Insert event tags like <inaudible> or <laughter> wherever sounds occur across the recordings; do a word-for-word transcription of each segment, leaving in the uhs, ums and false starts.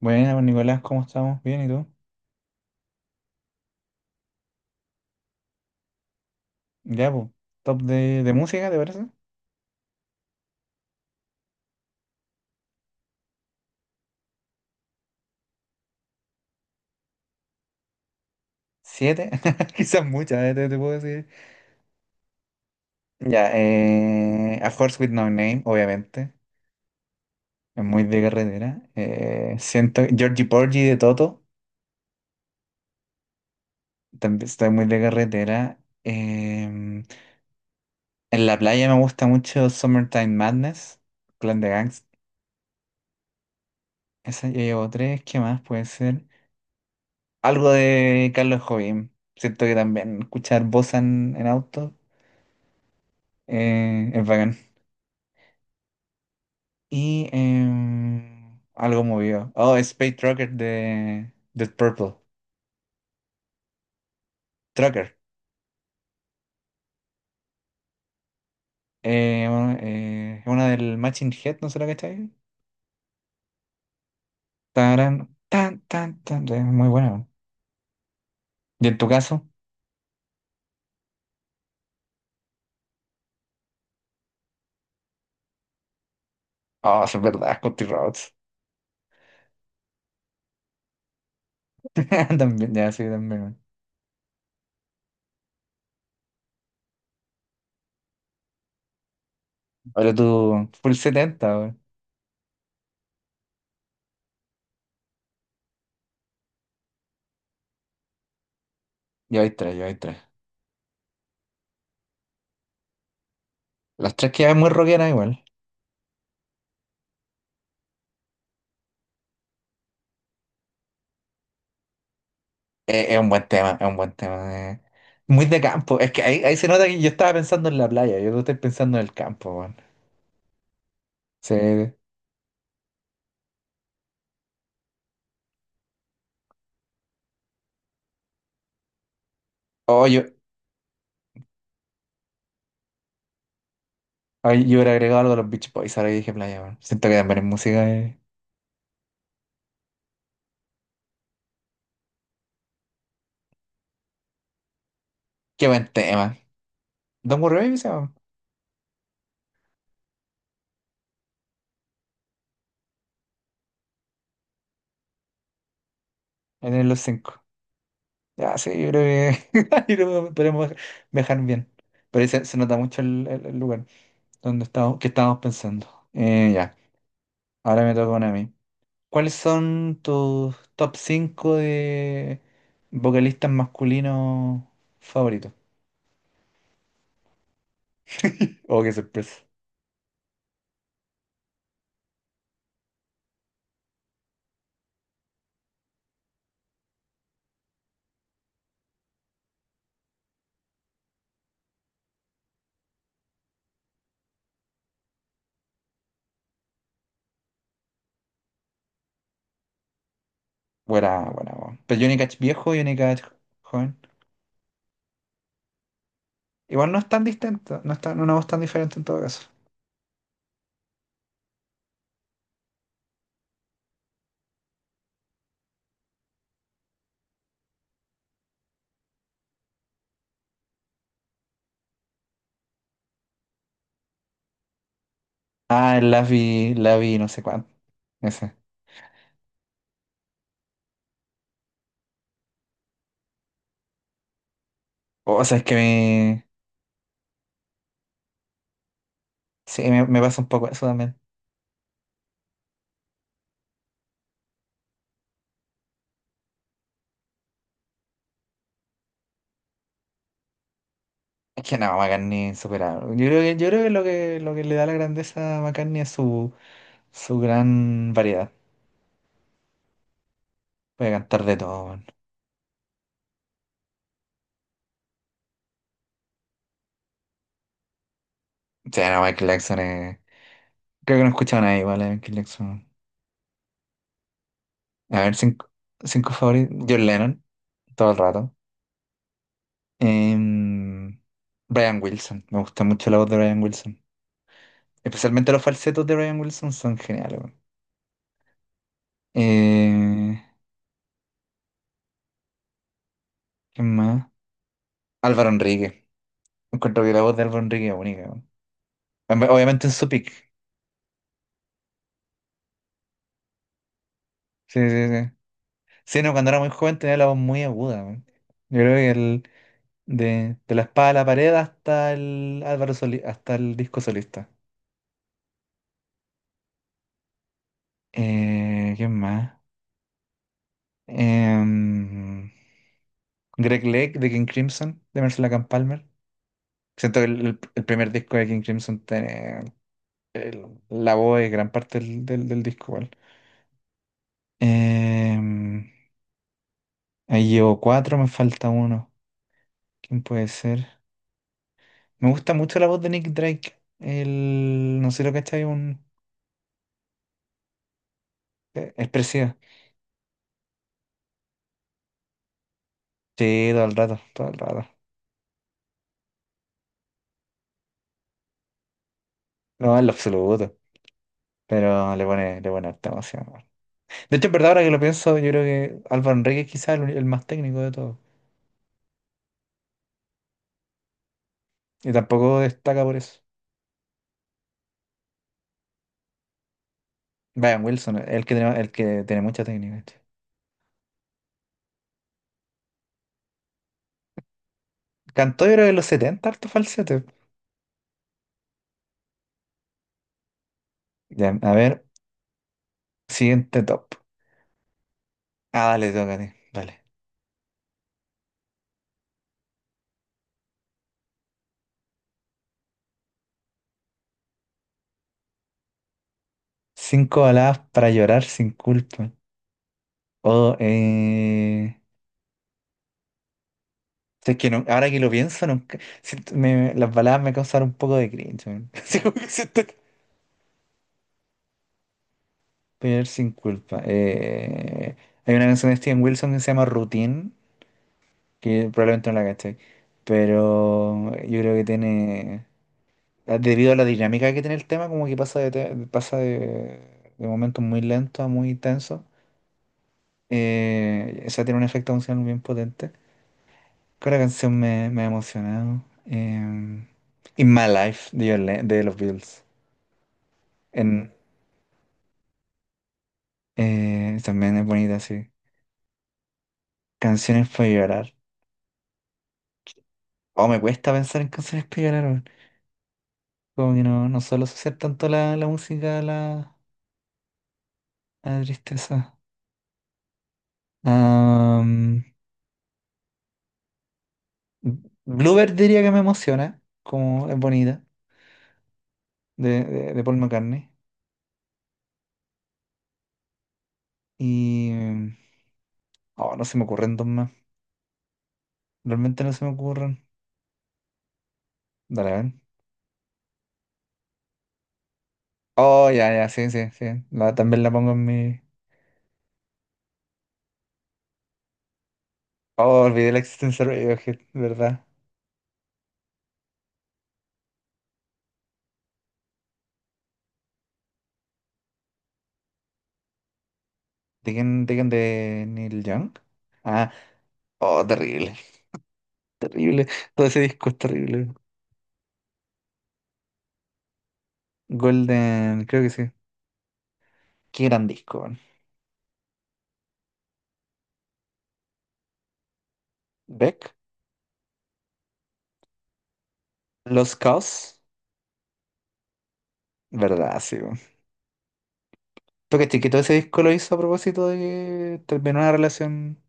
Bueno, Nicolás, ¿cómo estamos? Bien, ¿y tú? Ya, pues, top de, de música, ¿te parece? Siete, <laughs> quizás muchas, eh, te, te puedo decir. Ya, eh, A Horse With No Name, obviamente, es muy de carretera. Eh, siento, Georgie Porgy de Toto, también estoy muy de carretera. Eh, en la playa me gusta mucho Summertime Madness, Clan de Gangs. Esa ya llevo tres, ¿qué más puede ser? Algo de Carlos Jovín. Siento que también escuchar bossa en en auto. Eh, es bacán. Y em, algo movido. Oh, Space Trucker de Dead Purple. Trucker. Eh, bueno, eh, es una del Matching Head, ¿no será que está ahí? Tarán, tan, tan, tan. Es muy buena, weón. ¿Y en tu caso? Oh, eso es verdad, Scotty Rhodes. <laughs> También, ya, sí, también, weón. Ahora tú, full setenta, weón. Yo hay tres, yo hay tres. Las tres quedan muy rockeras igual. Es, es un buen tema, es un buen tema. eh. Muy de campo. Es que ahí, ahí se nota que yo estaba pensando en la playa, yo no estoy pensando en el campo, weón. Sí. Oh, yo, ay, yo hubiera agregado algo a los Beach Boys, ahora que dije playa, weón. Siento que también es música. eh. Qué buen tema. Don't Worry Baby se llama. En el los cinco. Ya, sí, yo creo que <laughs> yo creo que podemos viajar bien. Pero ahí se, se nota mucho el, el- el lugar donde estamos, que estábamos pensando. Eh, ya. Ahora me toca una a mí. ¿Cuáles son tus top cinco de vocalistas masculinos favoritos? Oh, qué sorpresa. Buena, buena, buena. Pero Johnny Cash viejo y Johnny Cash joven. Igual no es tan distinto, no es tan- una voz tan diferente en todo caso. Ah, el Lavi, Lavi, no sé cuánto. Ese. O sea, es que me. Sí, me, me pasa un poco eso también. Es que no, McCartney es insuperable. Yo creo que, yo creo que lo que lo que le da la grandeza a McCartney es su, su gran variedad. Puede cantar de todo, weón. Sí, no, Michael Jackson es. Creo que no he escuchado a nadie igual a Michael Jackson. A ver, cinco, cinco favoritos. John Lennon, todo el rato. Em, Brian Wilson, me gusta mucho la voz de Brian Wilson. Especialmente los falsetos de Brian Wilson son geniales, weón. Eh, ¿quién más? Álvaro Enrique. Encuentro que la voz de Álvaro Enrique es única, weón. Ob- Obviamente en su pick. Sí, sí, sí. Sí, no, cuando era muy joven tenía la voz muy aguda, weón. Yo creo que el, de, de la espada a la pared hasta el Álvaro Soli- hasta el disco solista. Eh, ¿quién más? Em, Greg Lake de King Crimson, de Mercy Camp Palmer. Siento que el, el- el primer disco de King Crimson tiene el- la voz es gran parte del, del- del disco, igual. Em, Ahí llevo cuatro, me falta uno. ¿Quién puede ser? Me gusta mucho la voz de Nick Drake. El, no sé si lo que está ahí un eh, expresiva. Sí, todo el rato, todo el rato. No, en lo absoluto. Pero le pone, le pone harta emoción. De hecho, en verdad, ahora que lo pienso, yo creo que Álvaro Enríquez quizás el, el más técnico de todos. Y tampoco destaca por eso. Brian Wilson, es el que tiene, el que tiene mucha técnica, che. Cantó yo creo que en los setenta harto falsete. Ya, a ver, siguiente top. Ah, dale, tócate. Dale. Cinco baladas para llorar sin culpa. O, eh... Es que no- ahora que lo pienso, nunca, siento- me- las baladas me causaron un poco de cringe, man. <laughs> Así como que siento que- llorar sin culpa. Eh... Hay una canción de Steven Wilson que se llama Routine, que probablemente no la gasté. Pero yo creo que tiene, debido a la dinámica que tiene el tema, como que pasa de, te- pasa de, de momentos muy lentos a muy tensos. Eh, o sea, tiene un efecto emocional bien potente. Con la canción me, me ha emocionado. Eh, In My Life de, Yole- de los Beatles. En, eh, también es bonita, sí. Canciones para llorar. Oh, me cuesta pensar en canciones para llorar, weón. Como que no, no suelo asociar tanto la, la música a la, a la tristeza. Am, Bluebird diría que me emociona, como es bonita, de, de, de Paul McCartney. Y... Oh, no se me ocurren dos más. Realmente no se me ocurren. Dale, a ver. Oh, ya, ya, sí, sí, sí. La- también la pongo en mi... Oh, olvidé la existencia de Radiohead, ¿verdad? ¿De quién, de quién? ¿De Neil Young? Ah, oh, terrible, terrible. Todo ese disco es terrible. Golden, creo que sí. Qué gran disco, weón. Beck, Los Caos, ¿verdad? Sí, porque cachai que todo ese disco lo hizo a propósito de que terminó una relación.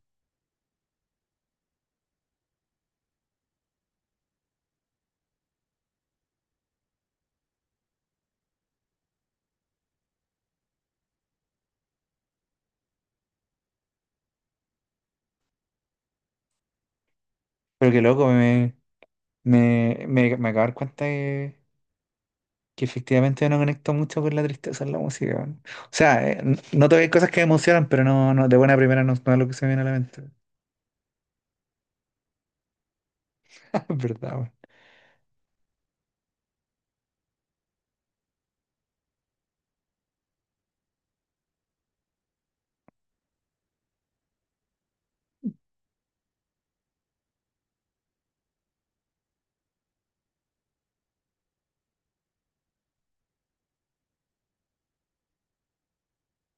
Pero que loco, me, me, me, me acabo de dar cuenta que, que efectivamente no conecto mucho con la tristeza en la música, weón. O sea, eh, n- noto que hay cosas que me emocionan, pero no, no, de buena primera no, no es lo que se me viene a la mente. <laughs> Ah, es verdad, weón.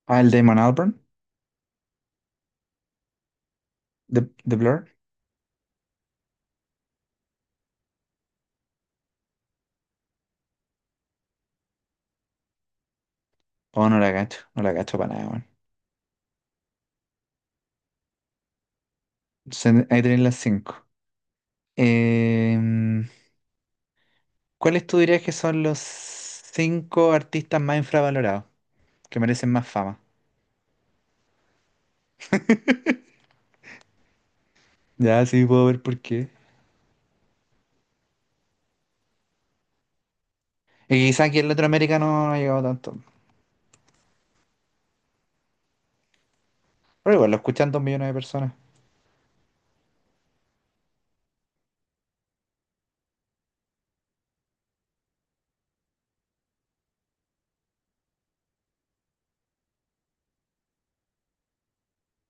Ah, el Damon Albarn, de, de Blur. Oh, no la cacho, no la cacho para nada, weón. Se- Ahí tenéis las cinco. Em, ¿cuáles tú dirías que son los cinco artistas más infravalorados, que merecen más fama? Ya sí puedo ver por qué. Y quizá aquí en Latinoamérica no, no ha llegado tanto. Pero igual, lo escuchan dos millones de personas.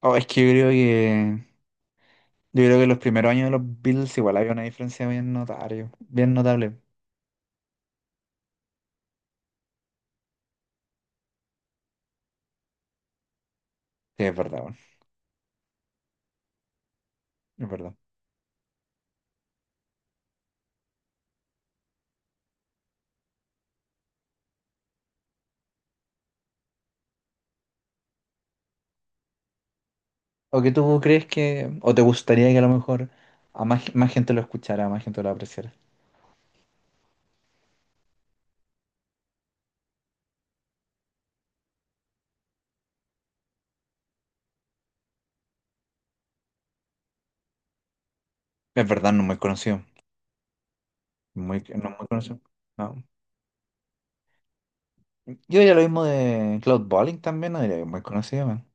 Oh, es que yo creo que. Yo creo que los primeros años de los Beatles igual había una diferencia bien notable. Bien notable. Sí, es verdad, bueno, es verdad. ¿O que tú crees que. ¿O te gustaría que a lo mejor a más, más gente lo escuchara, a más gente lo apreciara? Es verdad, no es muy conocido. Muy, no es muy conocido. No. Yo diría lo mismo de Cloud Bowling también, no diría que es muy conocido, man.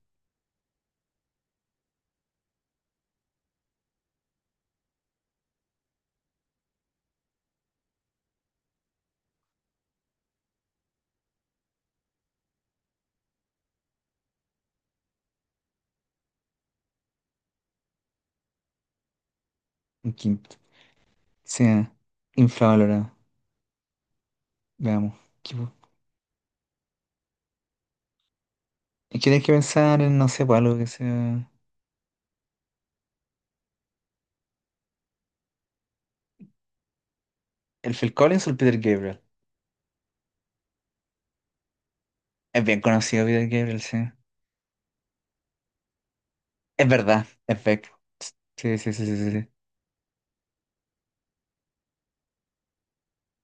Un quinto. Sí, infravalorado. Veamos. Y tienes que pensar en, no sé, pues algo que sea. ¿El Phil Collins o el Peter Gabriel? Es bien conocido Peter Gabriel, sí. Es verdad, es Beck. Sí, sí, sí, sí, sí, sí.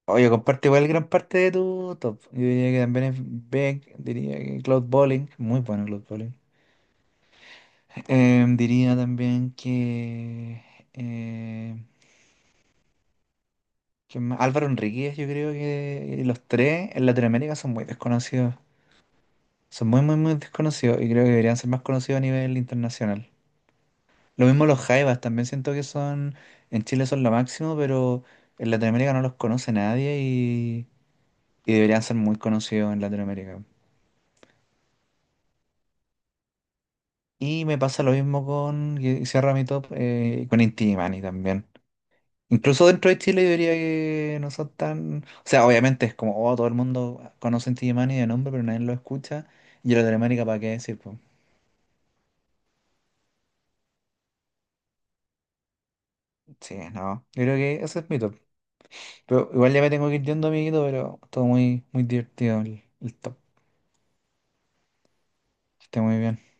Oye, comparte igual gran parte de tu top. Yo diría que también es Beck, diría que Cloud Bowling, muy bueno Cloud Bowling. Em, diría también que, eh, que más- Álvaro Enríquez, yo creo que los tres en Latinoamérica son muy desconocidos. Son muy, muy, muy desconocidos y creo que deberían ser más conocidos a nivel internacional. Lo mismo los jaivas, también siento que son, en Chile son lo máximo, pero en Latinoamérica no los conoce nadie y, y deberían ser muy conocidos en Latinoamérica. Y me pasa lo mismo con, y cierra mi top, eh, con Inti Illimani también. Incluso dentro de Chile yo diría que no son tan... O sea, obviamente es como, oh, todo el mundo conoce Inti Illimani de nombre, pero nadie lo escucha. Y en Latinoamérica, ¿para qué decir, pues? Sí, no. Yo creo que ese es mi top. Pero igual ya me tengo que ir yendo, amiguito, pero todo muy, muy divertido el, el top. Que esté muy bien.